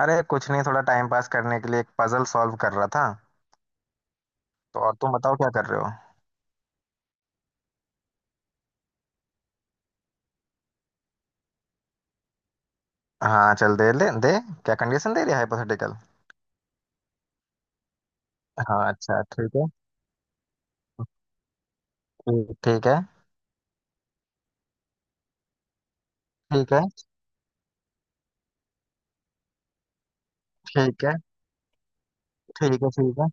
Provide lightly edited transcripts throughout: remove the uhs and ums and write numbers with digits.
अरे कुछ नहीं, थोड़ा टाइम पास करने के लिए एक पजल सॉल्व कर रहा था। तो और तुम बताओ क्या कर रहे हो। हाँ, चल दे दे दे। क्या कंडीशन दे रही है हाइपोथेटिकल। हाँ, अच्छा, ठीक है। ठीक ठीक है। ठीक है। ठीक है। ठीक है। ठीक है।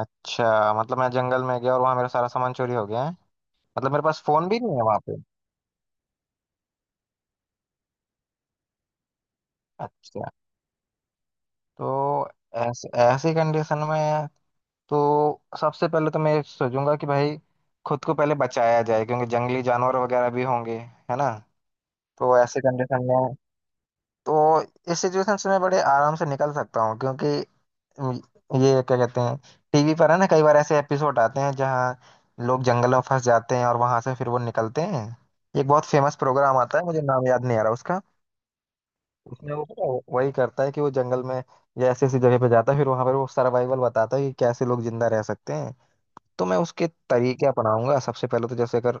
अच्छा, मतलब मैं जंगल में गया और वहाँ मेरा सारा सामान चोरी हो गया है। मतलब मेरे पास फोन भी नहीं है वहाँ पे। अच्छा। तो ऐसे ऐसी कंडीशन में, तो सबसे पहले तो मैं सोचूंगा कि भाई खुद को पहले बचाया जाए, क्योंकि जंगली जानवर वगैरह भी होंगे, है ना। तो ऐसे कंडीशन में, तो इस सिचुएशन से मैं बड़े आराम से निकल सकता हूँ, क्योंकि ये क्या कहते हैं, टीवी पर है ना, कई बार ऐसे एपिसोड आते हैं जहाँ लोग जंगल में फंस जाते हैं और वहां से फिर वो निकलते हैं। एक बहुत फेमस प्रोग्राम आता है, मुझे नाम याद नहीं आ रहा उसका। उसमें वो, पता है, वही करता है कि वो जंगल में या ऐसी ऐसी जगह पे जाता है, फिर वहां पर वो सर्वाइवल बताता है कि कैसे लोग जिंदा रह सकते हैं। तो मैं उसके तरीके अपनाऊंगा। सबसे पहले तो, जैसे अगर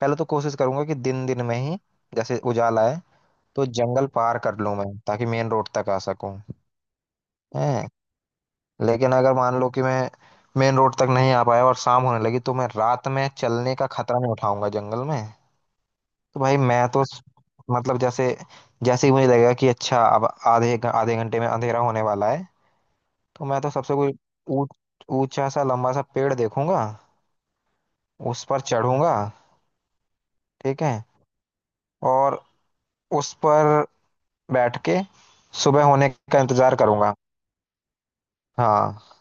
पहले तो कोशिश करूंगा कि दिन दिन में ही, जैसे उजाला है, तो जंगल पार कर लूं मैं, ताकि मेन रोड तक आ सकूं। है। लेकिन अगर मान लो कि मैं मेन रोड तक नहीं आ पाया और शाम होने लगी, तो मैं रात में चलने का खतरा नहीं उठाऊंगा जंगल में। तो भाई मैं तो मतलब, जैसे जैसे ही मुझे लगेगा कि अच्छा, अब आधे घंटे में अंधेरा होने वाला है, तो मैं तो सबसे कोई ऊ- ऊंचा सा लंबा सा पेड़ देखूंगा। उस पर चढ़ूंगा। ठीक है। और उस पर बैठ के सुबह होने का इंतजार करूंगा। हाँ,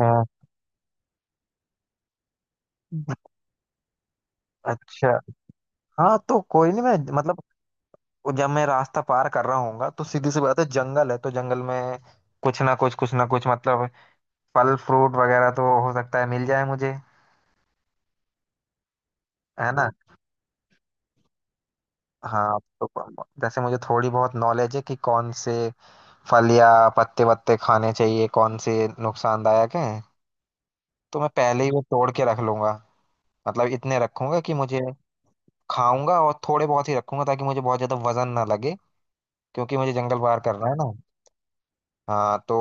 हाँ। अच्छा। हाँ, तो कोई नहीं, मैं मतलब, और जब मैं रास्ता पार कर रहा हूँ, तो सीधी सी बात है, जंगल है तो जंगल में कुछ ना कुछ, मतलब फल फ्रूट वगैरह तो हो सकता है मिल जाए मुझे, है ना। हाँ, तो जैसे मुझे थोड़ी बहुत नॉलेज है कि कौन से फल या पत्ते वत्ते खाने चाहिए, कौन से नुकसानदायक हैं। तो मैं पहले ही वो तोड़ के रख लूंगा। मतलब इतने रखूंगा कि मुझे खाऊंगा, और थोड़े बहुत ही रखूंगा ताकि मुझे बहुत ज्यादा वजन ना लगे। क्योंकि मुझे जंगल पार करना है ना। हाँ, तो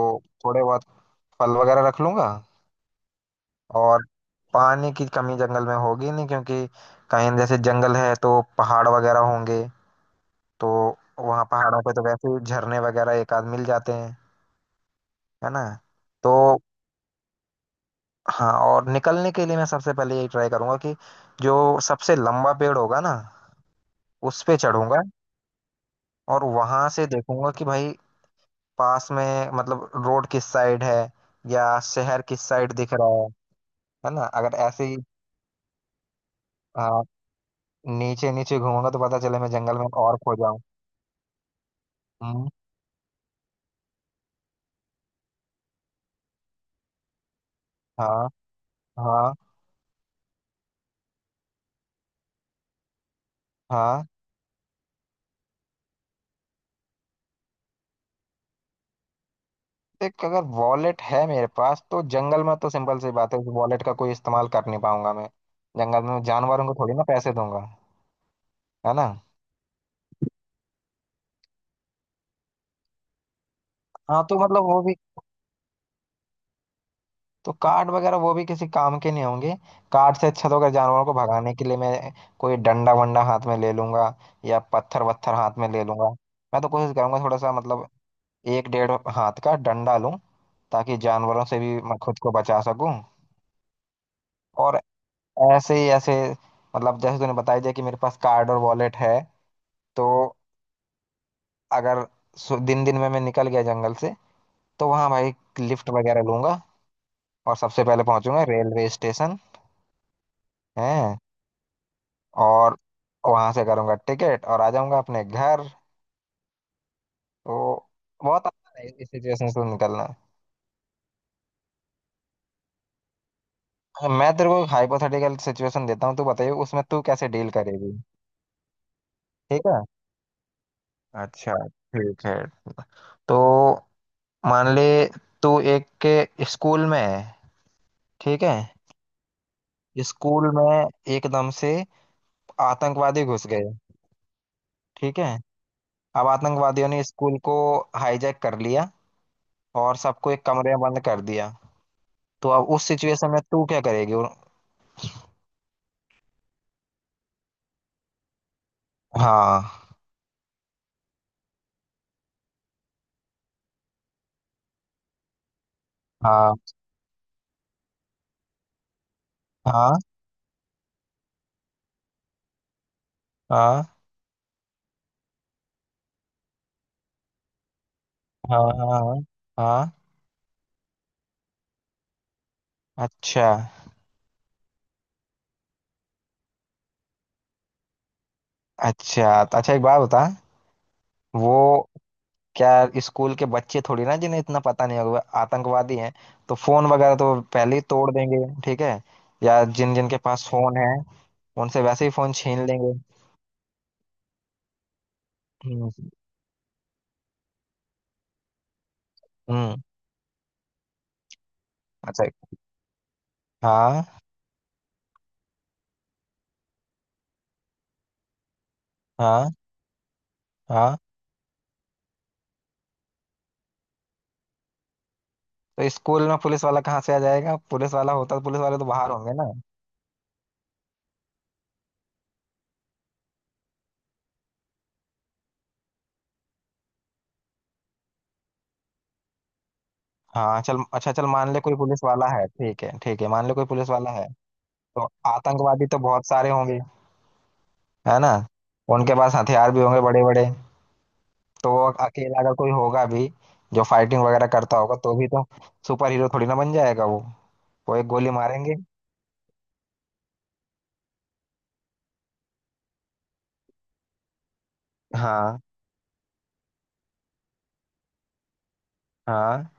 थोड़े बहुत फल वगैरह रख लूंगा। और पानी की कमी जंगल में होगी नहीं, क्योंकि कहीं जैसे जंगल है तो पहाड़ वगैरह होंगे। तो वहाँ पहाड़ों पे तो वैसे ही झरने वगैरह एक आध मिल जाते हैं, है ना। तो हाँ, और निकलने के लिए मैं सबसे पहले यही ट्राई करूंगा कि जो सबसे लंबा पेड़ होगा ना, उस पे चढ़ूंगा। और वहां से देखूंगा कि भाई, पास में मतलब रोड किस साइड है या शहर किस साइड दिख रहा है। है ना, अगर ऐसे ही, हाँ, नीचे नीचे घूमूंगा तो पता चले मैं जंगल में और खो जाऊं। हाँ, हाँ, हाँ। देख, अगर वॉलेट है मेरे पास तो जंगल में तो सिंपल सी बात है, उस वॉलेट का कोई इस्तेमाल कर नहीं पाऊंगा मैं। जंगल में जानवरों को थोड़ी ना पैसे दूंगा, है ना। हाँ, तो मतलब वो भी, तो कार्ड वगैरह वो भी किसी काम के नहीं होंगे। कार्ड से अच्छा तो, अगर जानवरों को भगाने के लिए मैं कोई डंडा वंडा हाथ में ले लूंगा या पत्थर वत्थर हाथ में ले लूंगा। मैं तो कोशिश करूंगा, थोड़ा सा मतलब, एक डेढ़ हाथ का डंडा लूं, ताकि जानवरों से भी मैं खुद को बचा सकूं। और ऐसे ही ऐसे, मतलब जैसे तूने बताई दिया कि मेरे पास कार्ड और वॉलेट है। तो अगर दिन दिन में मैं निकल गया जंगल से, तो वहां भाई लिफ्ट वगैरह लूंगा, और सबसे पहले पहुंचूंगा रेलवे स्टेशन। है। और वहां से करूंगा टिकट और आ जाऊंगा अपने घर। तो बहुत आसान है इस सिचुएशन से निकलना। मैं तेरे को हाइपोथेटिकल सिचुएशन देता हूँ, तू बताइए उसमें तू कैसे डील करेगी। ठीक है। अच्छा। ठीक है। तो मान ले, तू एक के स्कूल में है। ठीक है। स्कूल में एकदम से आतंकवादी घुस गए। ठीक है। अब आतंकवादियों ने स्कूल को हाईजैक कर लिया, और सबको एक कमरे में बंद कर दिया। तो अब उस सिचुएशन में तू क्या करेगी, और- हाँ, हाँ, हाँ, हाँ, हाँ, हाँ, हाँ। अच्छा, अच्छा। तो अच्छा, एक बात बता। वो, क्या स्कूल के बच्चे थोड़ी ना, जिन्हें इतना पता नहीं होगा आतंकवादी हैं, तो फोन वगैरह तो पहले ही तोड़ देंगे। ठीक है। या जिन जिन के पास फोन है, उनसे वैसे ही फोन छीन लेंगे। हम्म, हम्म। अच्छा। हाँ, हाँ, हाँ। तो स्कूल में पुलिस वाला कहाँ से आ जाएगा, पुलिस वाला होता तो पुलिस वाले तो बाहर होंगे ना। हाँ, चल, अच्छा, चल मान ले कोई पुलिस वाला है, ठीक है, ठीक है, मान ले कोई पुलिस वाला है। तो आतंकवादी तो बहुत सारे होंगे, है ना। उनके पास हथियार भी होंगे बड़े बड़े। तो वो अकेला अगर कोई होगा भी, जो फाइटिंग वगैरह करता होगा, तो भी तो सुपर हीरो थोड़ी ना बन जाएगा वो। वो एक गोली मारेंगे। हाँ, हाँ।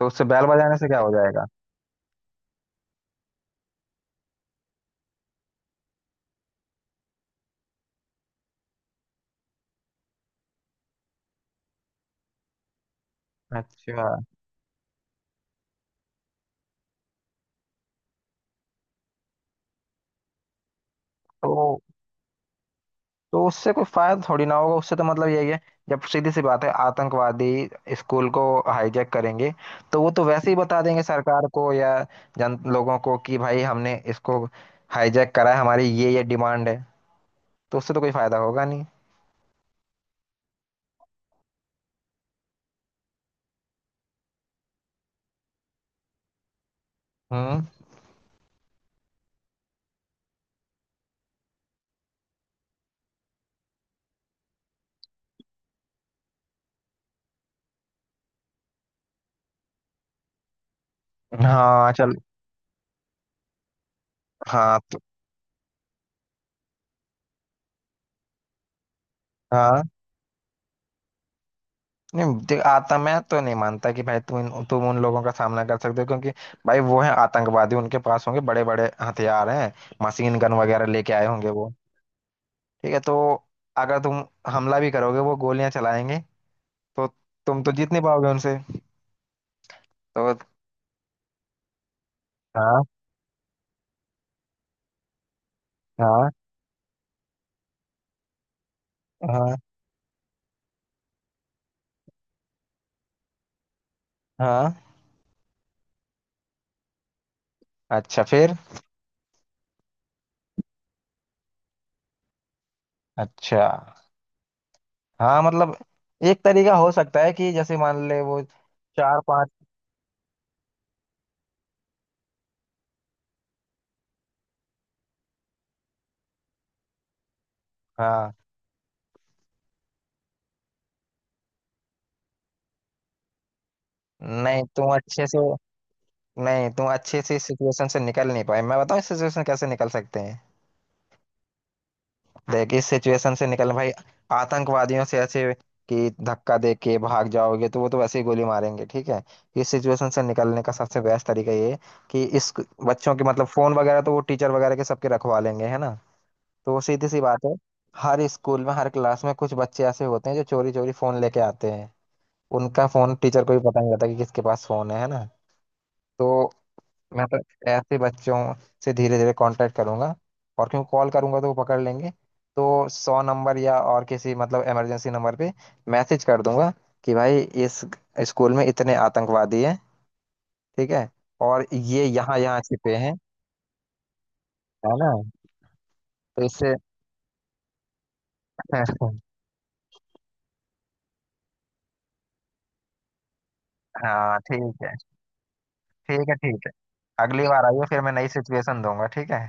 तो उससे बैल बजाने से क्या हो जाएगा। अच्छा। तो तो उससे कोई फायदा थोड़ी ना होगा, उससे तो मतलब यही है। जब सीधी सी बात है, आतंकवादी स्कूल को हाईजैक करेंगे, तो वो तो वैसे ही बता देंगे सरकार को या जन लोगों को कि भाई हमने इसको हाईजैक करा है, हमारी ये डिमांड है। तो उससे तो कोई फायदा होगा नहीं। हम्म, हाँ, चल, हाँ, तो हाँ, नहीं देख आता, मैं तो नहीं मानता कि भाई तुम तुम उन लोगों का सामना कर सकते हो, क्योंकि भाई, वो है आतंकवादी, उनके पास होंगे बड़े बड़े हथियार हैं। मशीन गन वगैरह लेके आए होंगे वो। ठीक है। तो अगर तुम हमला भी करोगे, वो गोलियां चलाएंगे। तो तुम तो जीत नहीं पाओगे उनसे। तो हाँ, हाँ, हाँ, हाँ। अच्छा, फिर अच्छा, हाँ मतलब, एक तरीका हो सकता है कि जैसे मान ले वो चार पांच, हाँ, नहीं तुम अच्छे से नहीं, तुम अच्छे से इस सिचुएशन से निकल नहीं पाए। मैं बताऊं इस सिचुएशन कैसे निकल सकते हैं। देख, इस सिचुएशन से निकलना भाई, आतंकवादियों से ऐसे कि धक्का दे के भाग जाओगे, तो वो तो वैसे ही गोली मारेंगे। ठीक है। इस सिचुएशन से निकलने का सबसे बेस्ट तरीका ये है कि, इस बच्चों के मतलब फोन वगैरह तो वो टीचर वगैरह के सबके रखवा लेंगे, है ना। तो वो सीधी सी बात है, हर स्कूल में हर क्लास में कुछ बच्चे ऐसे होते हैं जो चोरी चोरी फोन लेके आते हैं। उनका फोन टीचर को भी पता नहीं रहता कि किसके पास फोन है ना। तो मैं तो ऐसे बच्चों से धीरे धीरे कांटेक्ट करूंगा। और क्यों कॉल करूंगा, तो वो पकड़ लेंगे। तो 100 नंबर या और किसी मतलब इमरजेंसी नंबर पे मैसेज कर दूंगा कि भाई इस स्कूल में इतने आतंकवादी हैं, ठीक है, और ये यहाँ यहाँ छिपे हैं, है ना। तो इससे। हाँ, ठीक है, ठीक है, ठीक है। अगली बार आइए, फिर मैं नई सिचुएशन दूंगा, ठीक है।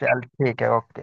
चल, ठीक है, ओके।